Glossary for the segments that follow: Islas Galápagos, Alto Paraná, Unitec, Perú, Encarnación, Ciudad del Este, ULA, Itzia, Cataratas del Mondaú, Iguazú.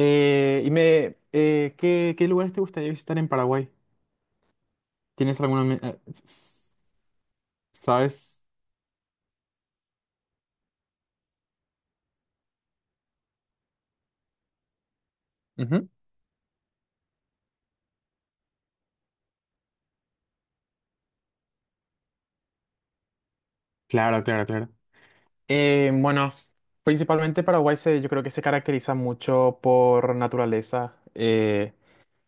Y me, ¿qué, qué lugares te gustaría visitar en Paraguay? ¿Tienes alguna... me- s- s- ¿Sabes? Ujú. Claro, claro, claro. Bueno, principalmente yo creo que se caracteriza mucho por naturaleza.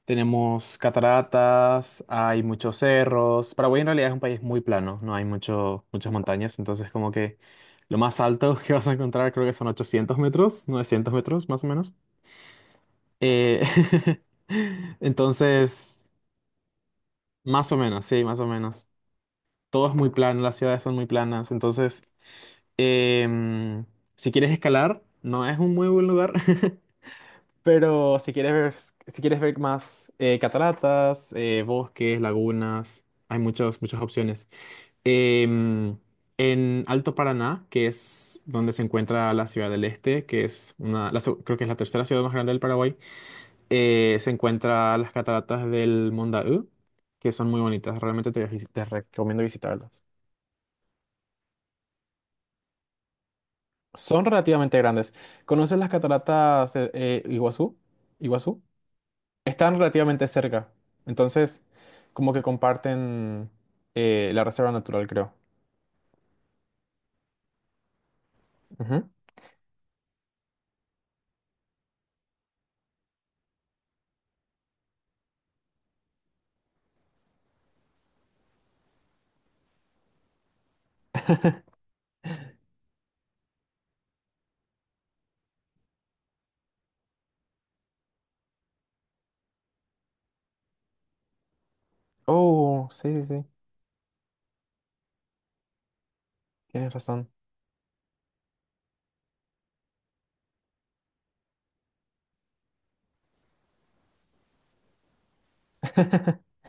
Tenemos cataratas, hay muchos cerros. Paraguay en realidad es un país muy plano, no hay mucho, muchas montañas, entonces como que lo más alto que vas a encontrar creo que son 800 metros, 900 metros más o menos. Eh, entonces, más o menos, sí, más o menos. Todo es muy plano, las ciudades son muy planas. Entonces, em, si quieres escalar, no es un muy buen lugar. Pero si quieres si quieres ver más cataratas, bosques, lagunas, hay muchas opciones. Em, en Alto Paraná, que es donde se encuentra la Ciudad del Este, que es creo que es la 3.ª ciudad más grande del Paraguay. Se encuentra las cataratas del Mondaú, que son muy bonitas. Realmente te recomiendo visitarlas. Son relativamente grandes. ¿Conoces las cataratas de, Iguazú? Iguazú. Están relativamente cerca. Entonces, como que comparten la reserva natural, creo. Ujú. Oh, sí, sí, sí. Tienes razón.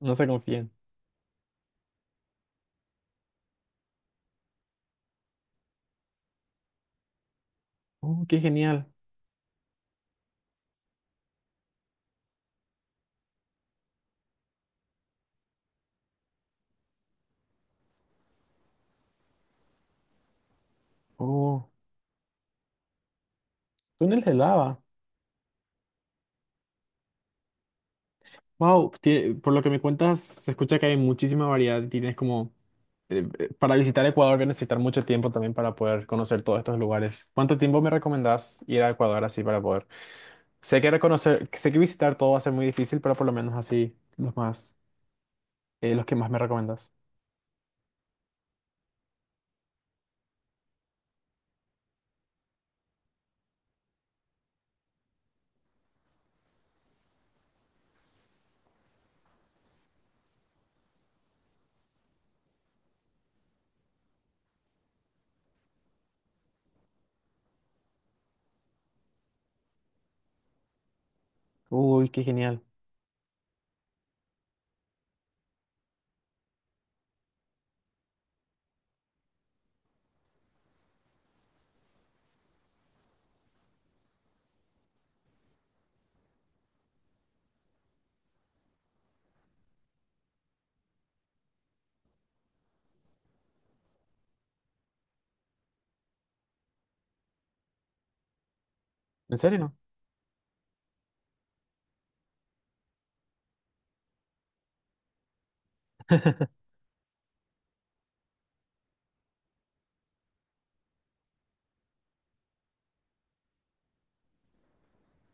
No se confíen. Oh, qué genial. Oh, túneles de lava. Wow, por lo que me cuentas, se escucha que hay muchísima variedad. Tienes como para visitar Ecuador voy a necesitar mucho tiempo también para poder conocer todos estos lugares. ¿Cuánto tiempo me recomendás ir a Ecuador así para poder? Sé que visitar todo va a ser muy difícil, pero por lo menos así los los que más me recomendás. Uy, qué genial. ¿En serio?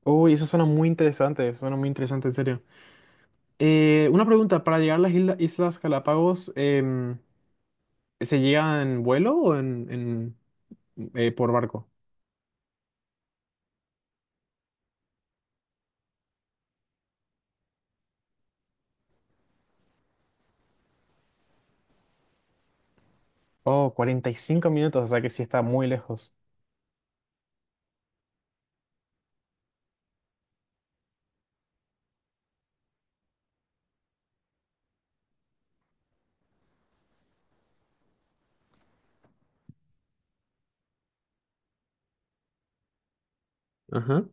Uy, eso suena muy interesante, en serio. Una pregunta, para llegar a las Islas Galápagos, ¿se llega en vuelo o en por barco? Oh, 45 minutos, o sea que sí está muy lejos. Ajá.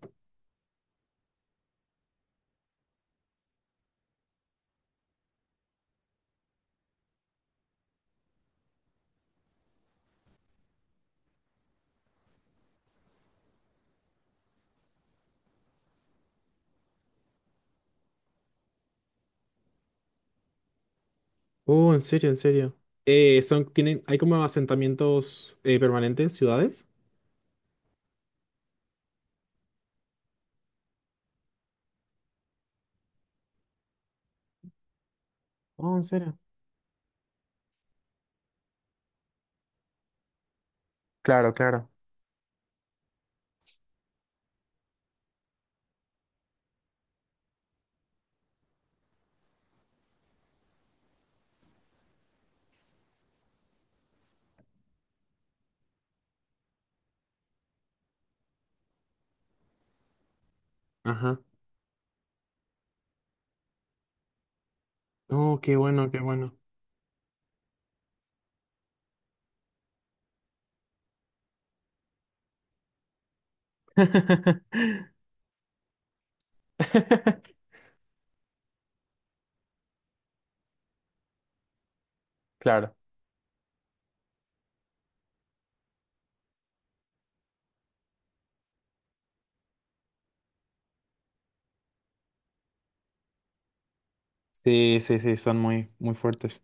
Oh, en serio, en serio. ¿Hay como asentamientos permanentes, ciudades? Oh, en serio. Claro, claro. Ajá. Oh, qué bueno, qué bueno. Claro. Sí, sí, sí, son muy fuertes.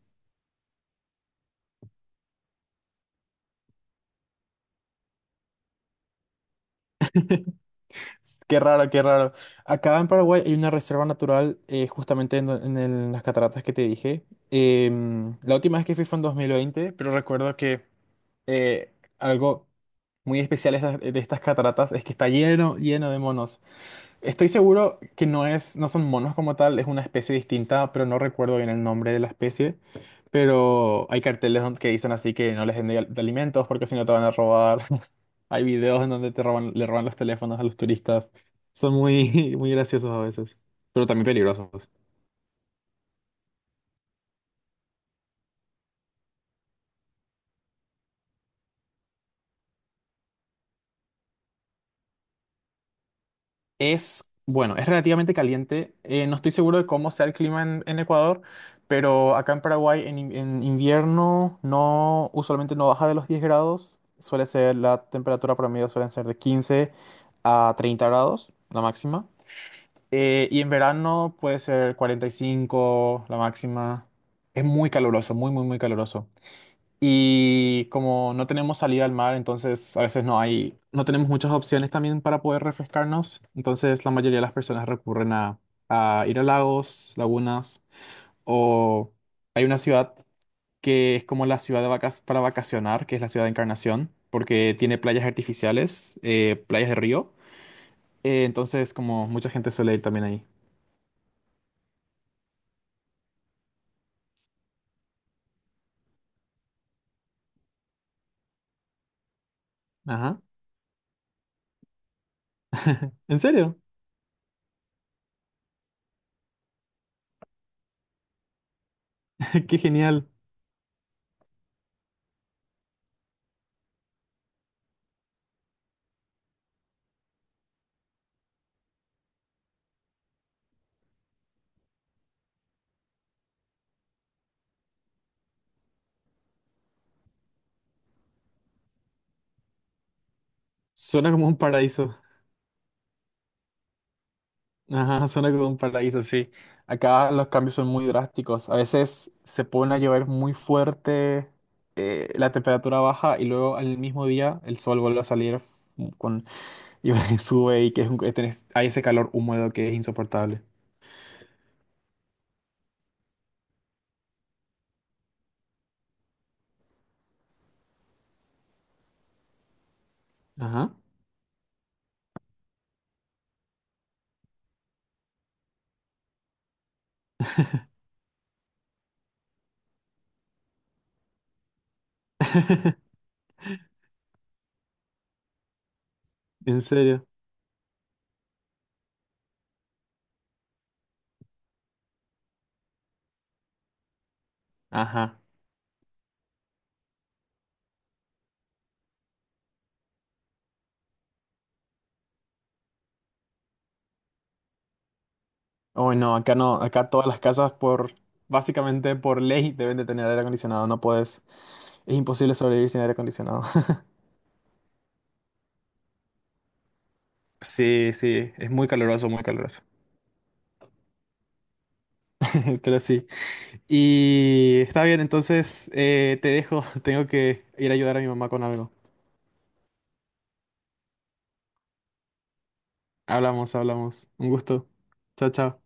Qué raro, qué raro. Acá en Paraguay hay una reserva natural justamente en las cataratas que te dije. La última vez que fui fue en 2020, pero recuerdo que eh, algo muy especial de estas cataratas es que está lleno, lleno de monos. Estoy seguro que no son monos como tal, es una especie distinta, pero no recuerdo bien el nombre de la especie. Pero hay carteles que dicen así que no les den de alimentos porque si no te van a robar. Hay videos en donde te roban, le roban los teléfonos a los turistas. Son muy graciosos a veces, pero también peligrosos. Es, bueno, es relativamente caliente. No estoy seguro de cómo sea el clima en Ecuador, pero acá en Paraguay en invierno no, usualmente no baja de los 10 grados. Suele ser, la temperatura promedio suelen ser de 15 a 30 grados, la máxima. Y en verano puede ser 45 la máxima. Es muy caluroso, muy, muy, muy caluroso. Y como no tenemos salida al mar, entonces a veces no tenemos muchas opciones también para poder refrescarnos. Entonces la mayoría de las personas recurren a ir a lagos, lagunas, o hay una ciudad que es como la ciudad de vacas para vacacionar, que es la ciudad de Encarnación, porque tiene playas artificiales, playas de río. Entonces como mucha gente suele ir también ahí. Ajá. ¿En serio? ¡Qué genial! Suena como un paraíso. Ajá, suena como un paraíso, sí. Acá los cambios son muy drásticos. A veces se pone a llover muy fuerte, la temperatura baja y luego al mismo día el sol vuelve a salir con, y sube y que es un- tenés- hay ese calor húmedo que es insoportable. Ajá. ¿En serio? Ajá. Oh, no, acá no, acá todas las casas básicamente por ley deben de tener aire acondicionado, no puedes, es imposible sobrevivir sin aire acondicionado. Sí, sí, es muy caluroso, muy caluroso. Pero sí. Y está bien, entonces te dejo. Tengo que ir a ayudar a mi mamá con algo. Hablamos, hablamos. Un gusto. Chao, chao.